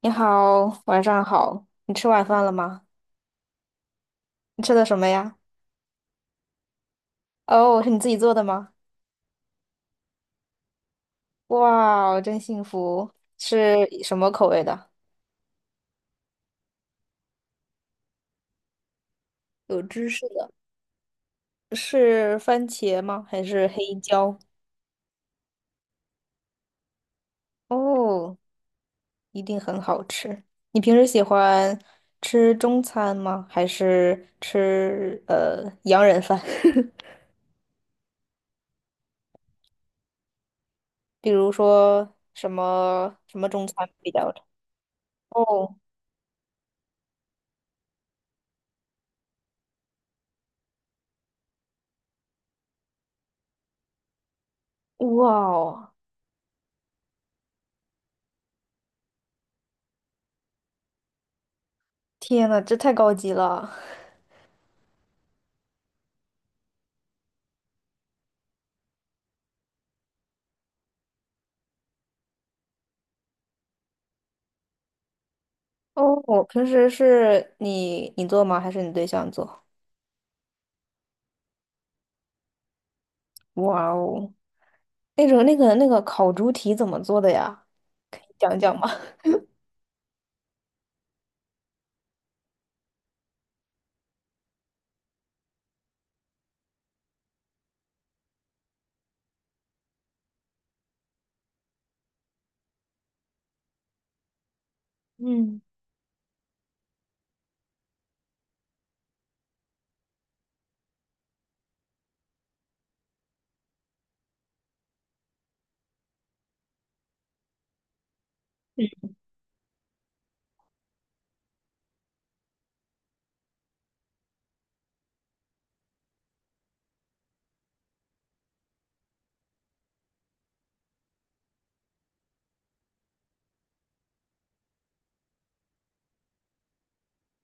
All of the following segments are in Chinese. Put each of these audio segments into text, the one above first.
你好，晚上好。你吃晚饭了吗？你吃的什么呀？哦，是你自己做的吗？哇，真幸福。是什么口味的？有芝士的，是番茄吗？还是黑椒？哦，一定很好吃。你平时喜欢吃中餐吗？还是吃洋人饭？比如说什么中餐比较？哦，哇哦，天呐，这太高级了。哦，我平时是你做吗？还是你对象做？哇哦，那种那个烤猪蹄怎么做的呀？可以讲讲吗？嗯，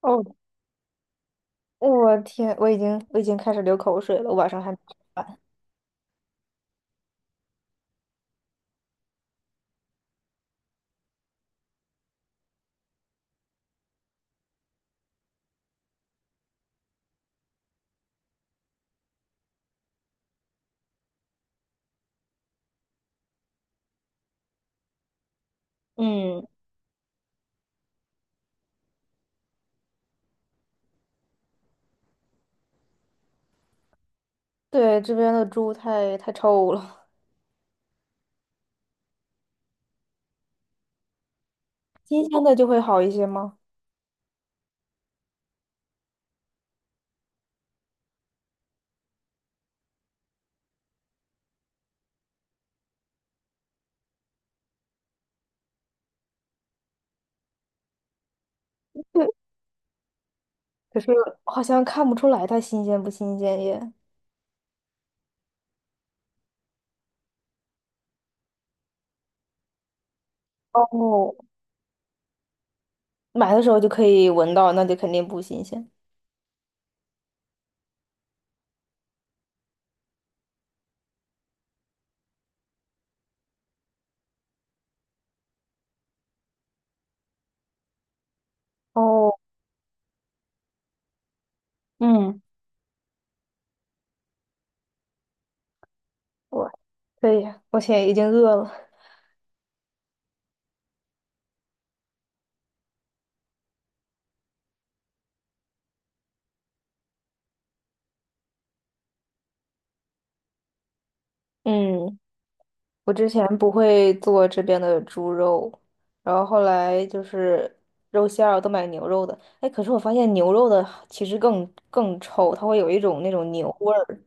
哦，我天，我已经开始流口水了，我晚上还没吃饭。嗯，对，这边的猪太臭了，新鲜的就会好一些吗？对，可是好像看不出来它新鲜不新鲜耶。哦，买的时候就可以闻到，那就肯定不新鲜。哦，嗯。我可以，我现在已经饿了。嗯，我之前不会做这边的猪肉，然后后来就是肉馅儿都买牛肉的。哎，可是我发现牛肉的其实更臭，它会有一种那种牛味儿。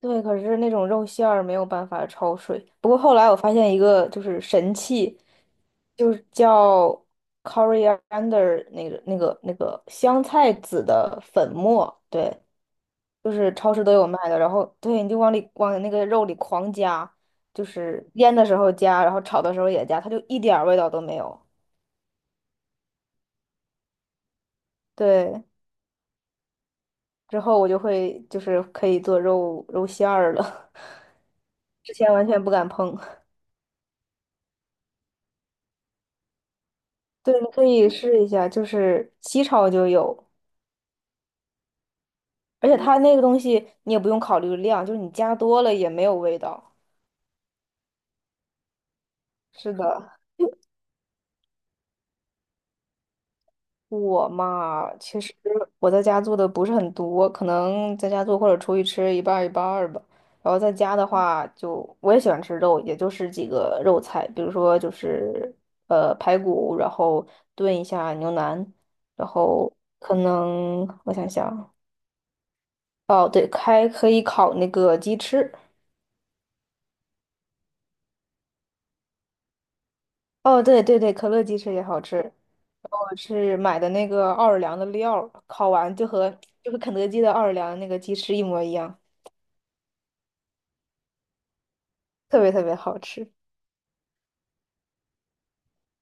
对，可是那种肉馅儿没有办法焯水。不过后来我发现一个就是神器，就是叫 coriander 那个香菜籽的粉末，对，就是超市都有卖的，然后对，你就往那个肉里狂加，就是腌的时候加，然后炒的时候也加，它就一点儿味道都没有。对，之后我就会就是可以做肉馅儿了，之前完全不敢碰。对，你可以试一下，就是西炒就有，而且它那个东西你也不用考虑量，就是你加多了也没有味道。是的，我嘛，其实我在家做的不是很多，可能在家做或者出去吃一半儿一半儿吧。然后在家的话就，我也喜欢吃肉，也就是几个肉菜，比如说就是排骨，然后炖一下牛腩，然后可能我想想，哦对，还可以烤那个鸡翅，哦对对对，可乐鸡翅也好吃。我是买的那个奥尔良的料儿，烤完就和肯德基的奥尔良那个鸡翅一模一样。特别特别好吃。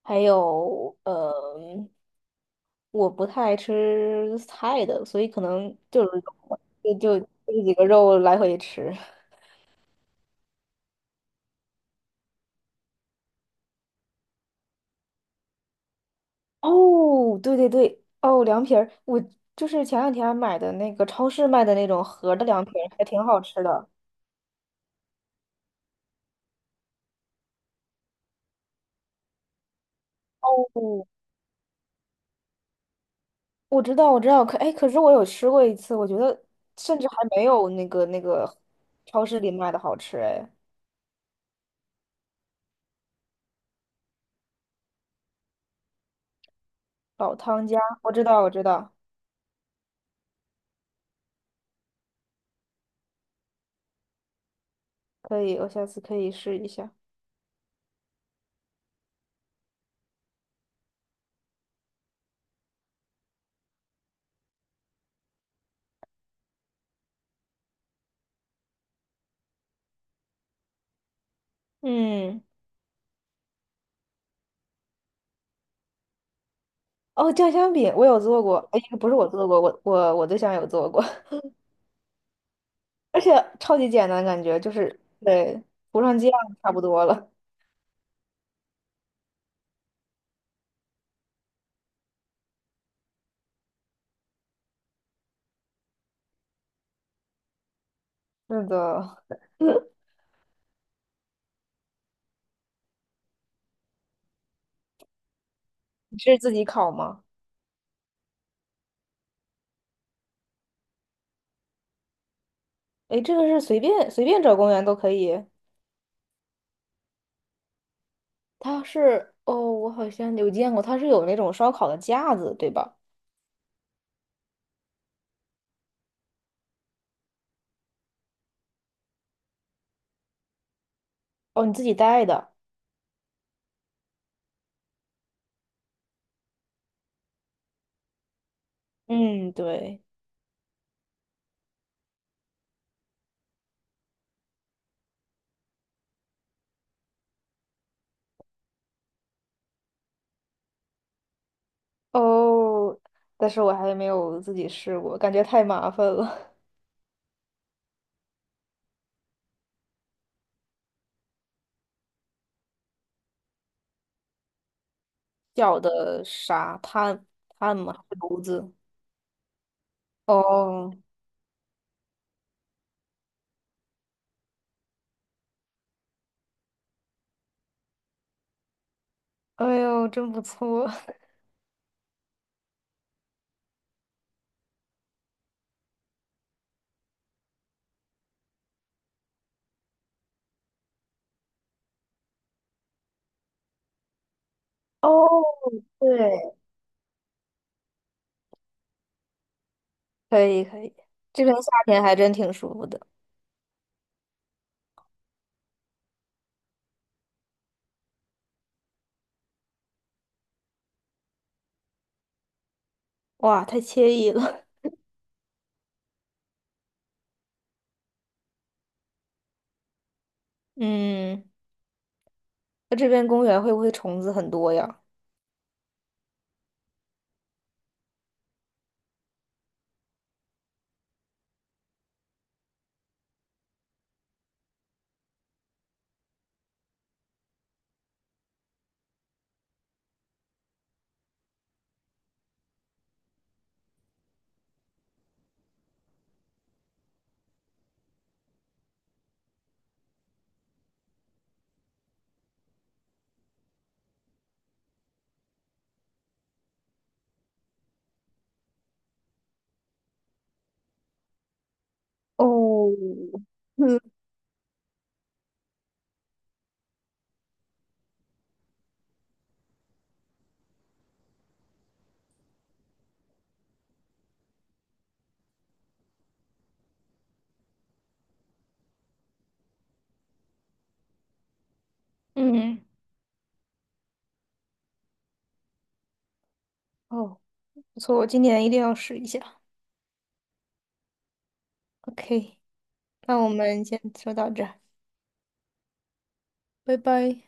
还有，我不太爱吃菜的，所以可能就是肉就这几个肉来回吃。哦，对对对，哦，凉皮儿，我就是前两天买的那个超市卖的那种盒儿的凉皮儿，还挺好吃的。哦，我知道，我知道，可哎，可是我有吃过一次，我觉得甚至还没有那个超市里卖的好吃哎。老汤家，我知道，我知道，可以，我下次可以试一下。嗯，哦，酱香饼我有做过，哎，不是我做过，我对象有做过，而且超级简单，感觉就是对，涂上酱差不多了。是的，你是自己烤吗？哎，这个是随便找公园都可以。它是哦，我好像有见过，它是有那种烧烤的架子，对吧？哦，你自己带的。嗯，对。哦，但是我还没有自己试过，感觉太麻烦了。小的啥炭吗？还是炉子？哦，哎呦，真不错，哦，对，可以可以，这边夏天还真挺舒服的，哇，太惬意了。嗯，那这边公园会不会虫子很多呀？哦，嗯，嗯，哦，不错，我今年一定要试一下。OK，那我们先说到这儿，拜拜。